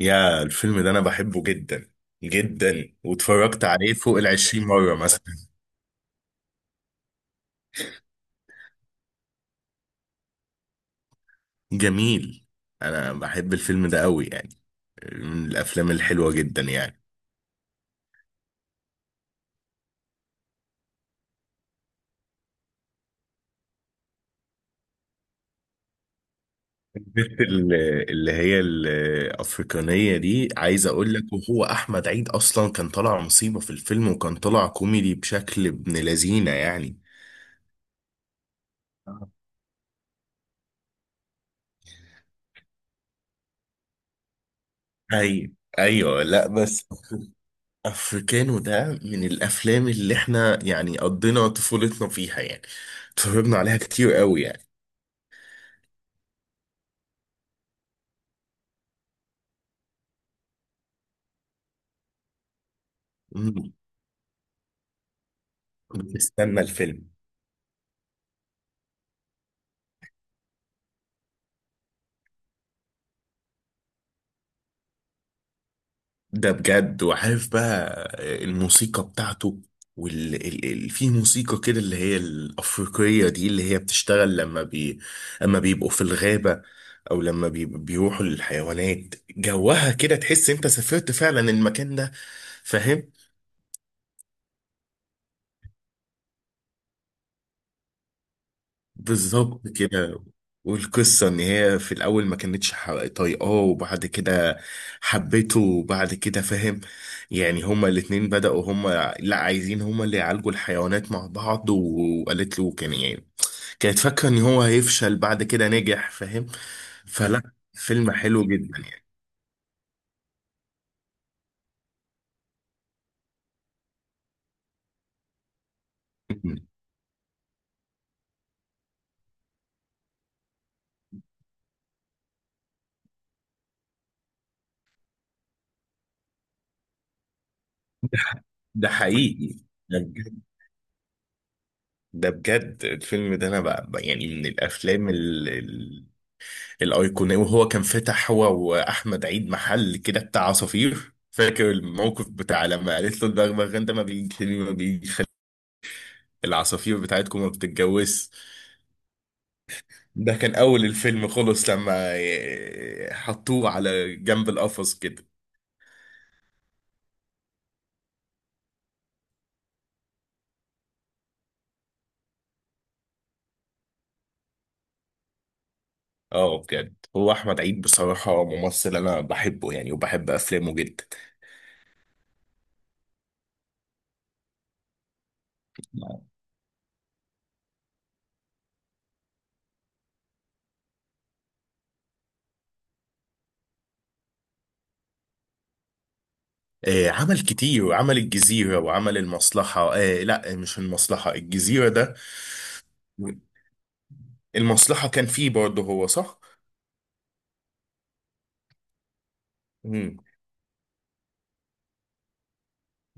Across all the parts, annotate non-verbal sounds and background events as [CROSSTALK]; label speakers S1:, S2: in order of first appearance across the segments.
S1: يا الفيلم ده انا بحبه جدا جدا، واتفرجت عليه فوق 20 مرة مثلا. جميل. انا بحب الفيلم ده قوي يعني، من الافلام الحلوة جدا يعني. البت ال- اللي هي الافريقانية دي، عايز اقول لك، وهو احمد عيد اصلا كان طالع مصيبة في الفيلم، وكان طالع كوميدي بشكل ابن لذينة يعني. آه. ايوه، ايوه، لا بس افريكانو ده من الافلام اللي احنا يعني قضينا طفولتنا فيها يعني، اتفرجنا عليها كتير قوي يعني. مم. بنستنى الفيلم. ده بجد. وعارف بقى الموسيقى بتاعته، في موسيقى كده اللي هي الافريقيه دي اللي هي بتشتغل لما بيبقوا في الغابه، او بيروحوا للحيوانات جوها كده، تحس انت سافرت فعلا المكان ده. فاهم؟ بالظبط كده. والقصة إن هي في الأول ما كانتش ح- طايقاه، وبعد كده حبته، وبعد كده فاهم. يعني هما الاتنين بدأوا، هما لا عايزين هما اللي يعالجوا الحيوانات مع بعض، وقالت له كان يعني كانت فاكرة إن هو هيفشل، بعد كده نجح. فاهم؟ فلا، فيلم حلو جدا يعني. [LAUGHS] ده ح- ده حقيقي. ده بجد. ده بجد الفيلم ده أنا يعني من الأفلام الايقونية. وهو كان فتح هو واحمد عيد محل كده بتاع عصافير، فاكر الموقف بتاع لما قالت له البغبغان ده ما بيجيش ليه، ما بيجيش العصافير بتاعتكم ما بتتجوز. ده كان اول الفيلم خلص لما حطوه على جنب القفص كده. اه بجد، هو احمد عيد بصراحة ممثل انا بحبه يعني، وبحب افلامه جدا. عمل كتير، وعمل الجزيرة وعمل المصلحة. آه لا، مش المصلحة، الجزيرة ده. المصلحة كان فيه برضه هو، صح؟ امم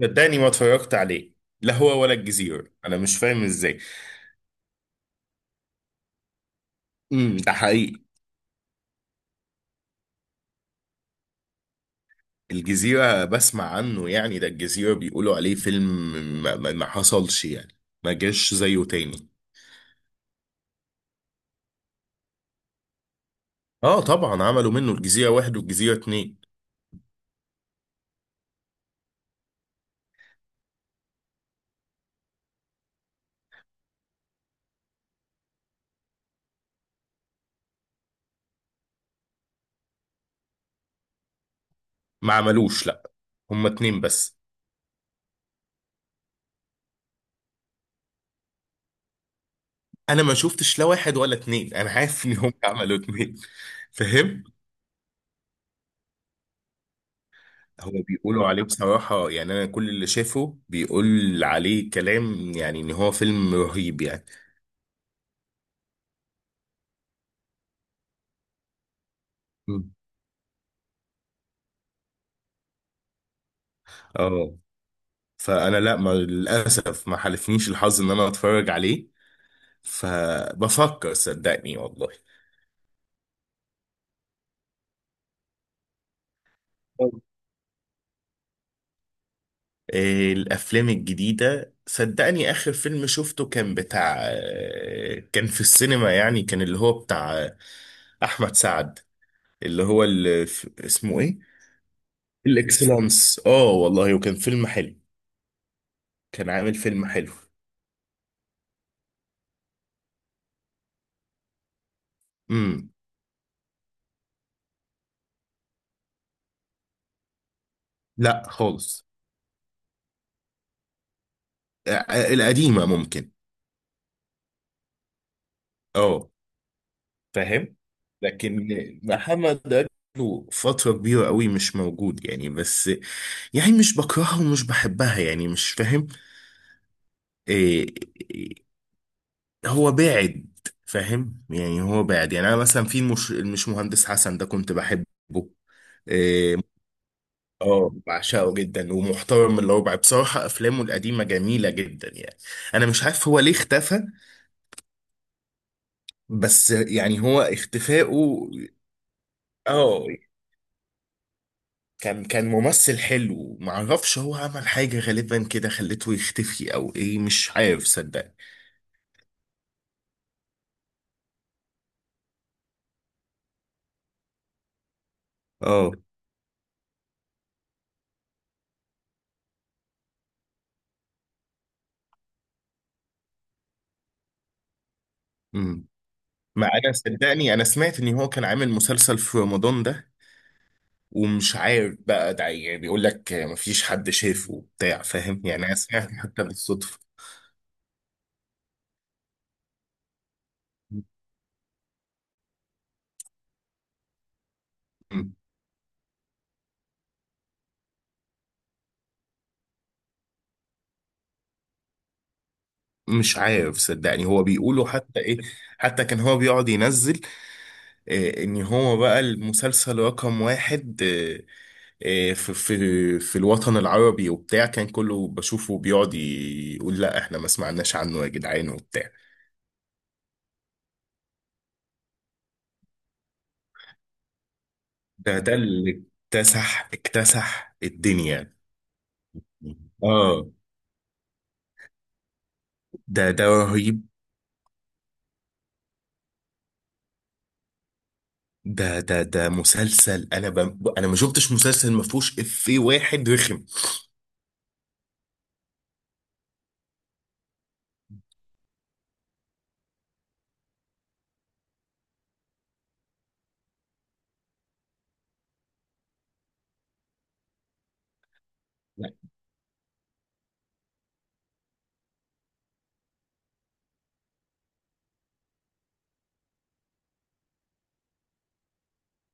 S1: صدقني ما اتفرجت عليه، لا هو ولا الجزيرة، انا مش فاهم ازاي. ده حقيقي. الجزيرة بسمع عنه يعني، ده الجزيرة بيقولوا عليه فيلم ما حصلش يعني، ما جاش زيه تاني. اه طبعا، عملوا منه الجزيرة واحد والجزيرة اتنين. ما عملوش، لا، هما اتنين بس. انا ما شفتش لا واحد ولا اتنين، انا عارف ان هم عملوا اتنين. فاهم؟ هو بيقولوا عليه بصراحة يعني انا كل اللي شافه بيقول عليه كلام يعني ان هو فيلم رهيب يعني. اه. فانا لا، ما للاسف ما حالفنيش الحظ ان انا اتفرج عليه، فبفكر صدقني والله. طب، إيه الافلام الجديده؟ صدقني اخر فيلم شفته كان بتاع كان في السينما يعني، كان اللي هو بتاع احمد سعد، اللي هو اسمه ايه، الاكسلانس. اه والله، وكان فيلم حلو، كان عامل فيلم حلو. امم لا خالص. القديمه ممكن. اه فاهم. لكن محمد له فترة كبيرة قوي مش موجود يعني، بس يعني مش بكرهها ومش بحبها يعني، مش فاهم إيه. إيه، هو باعد. فاهم؟ يعني هو باعد. يعني انا مثلا في المش مهندس حسن ده كنت بحبه. إيه، اه بعشقه جدا، ومحترم الربع بصراحة، افلامه القديمة جميلة جدا يعني. انا مش عارف هو ليه اختفى، بس يعني هو اختفائه... اه كان ممثل حلو، معرفش هو عمل حاجة غالبا كده خلته يختفي او ايه، مش عارف صدقني. اه. امم ما انا صدقني انا سمعت ان هو كان عامل مسلسل في رمضان ده، ومش عارف بقى ده، يعني بيقول لك مفيش حد شافه وبتاع، فاهم يعني، انا سمعت حتى بالصدفة. مش عارف صدقني، هو بيقولوا حتى ايه، حتى كان هو بيقعد ينزل ان هو بقى المسلسل رقم واحد في في الوطن العربي وبتاع، كان كله بشوفه بيقعد يقول لا احنا ما سمعناش عنه يا جدعان، وبتاع. ده اللي اكتسح الدنيا. اه. ده رهيب. ده مسلسل، انا انا ما شفتش مسلسل ما فيهوش افيه واحد رخم.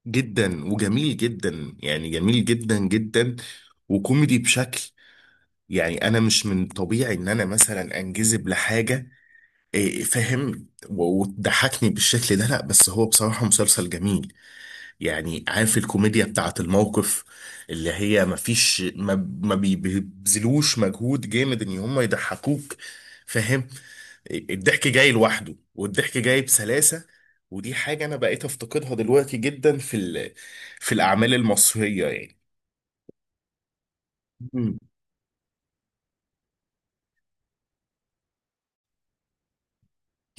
S1: جدا وجميل جدا يعني، جميل جدا جدا، وكوميدي بشكل يعني. انا مش من طبيعي ان انا مثلا انجذب لحاجه فاهم وتضحكني بالشكل ده، لا بس هو بصراحه مسلسل جميل يعني. عارف الكوميديا بتاعت الموقف، اللي هي مفيش ما ما بي- بيبذلوش مجهود جامد ان هم يضحكوك. فاهم؟ الضحك جاي لوحده، والضحك جاي بسلاسة. ودي حاجة انا بقيت افتقدها دلوقتي جدا في في الاعمال المصرية يعني. مم.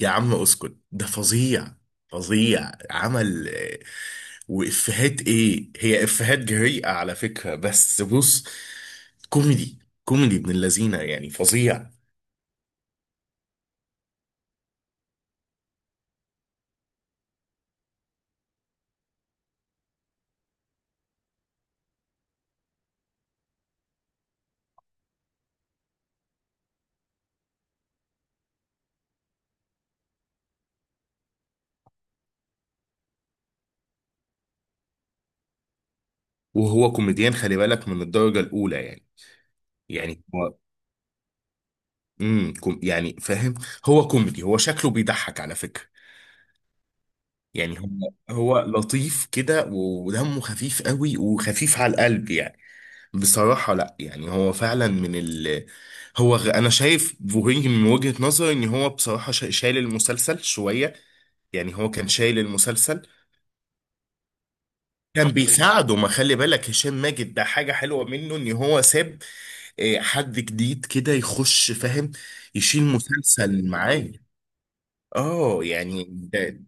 S1: يا عم اسكت، ده فظيع، فظيع. عمل وإفيهات، إيه هي إفيهات جريئة على فكرة، بس بص، كوميدي، كوميدي ابن اللذينة يعني، فظيع. وهو كوميديان، خلي بالك، من الدرجة الأولى يعني. يعني هو كوم يعني فاهم، هو كوميدي، هو شكله بيضحك على فكرة. يعني هو لطيف كده، ودمه خفيف قوي، وخفيف على القلب يعني. بصراحة لا يعني هو فعلا من ال... أنا شايف بوهينج من وجهة نظري، إن هو بصراحة شايل المسلسل شوية، يعني هو كان شايل المسلسل. كان بيساعده. ما خلي بالك هشام ماجد ده حاجة حلوة منه ان هو ساب حد جديد كده يخش فاهم، يشيل مسلسل معاه. اه يعني ده،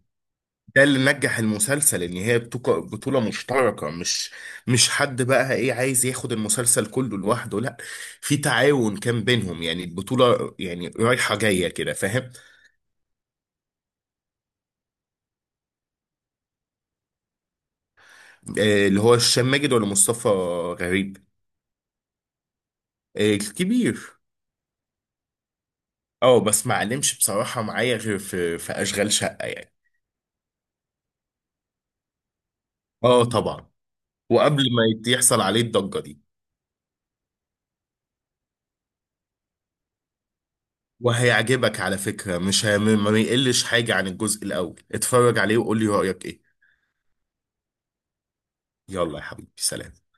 S1: ده اللي نجح المسلسل، ان هي بطولة مشتركة، مش حد بقى ايه عايز ياخد المسلسل كله لوحده، لا، في تعاون كان بينهم يعني، البطولة يعني رايحة جاية كده، فاهم. اللي هو هشام ماجد ولا مصطفى غريب؟ الكبير. اه بس ما علمش بصراحة معايا غير في أشغال شقة يعني. اه طبعا. وقبل ما يحصل عليه الضجة دي. وهيعجبك على فكرة، مش هي... ما يقلش حاجة عن الجزء الأول، اتفرج عليه وقول لي رأيك ايه. يلا يا حبيبي، سلام.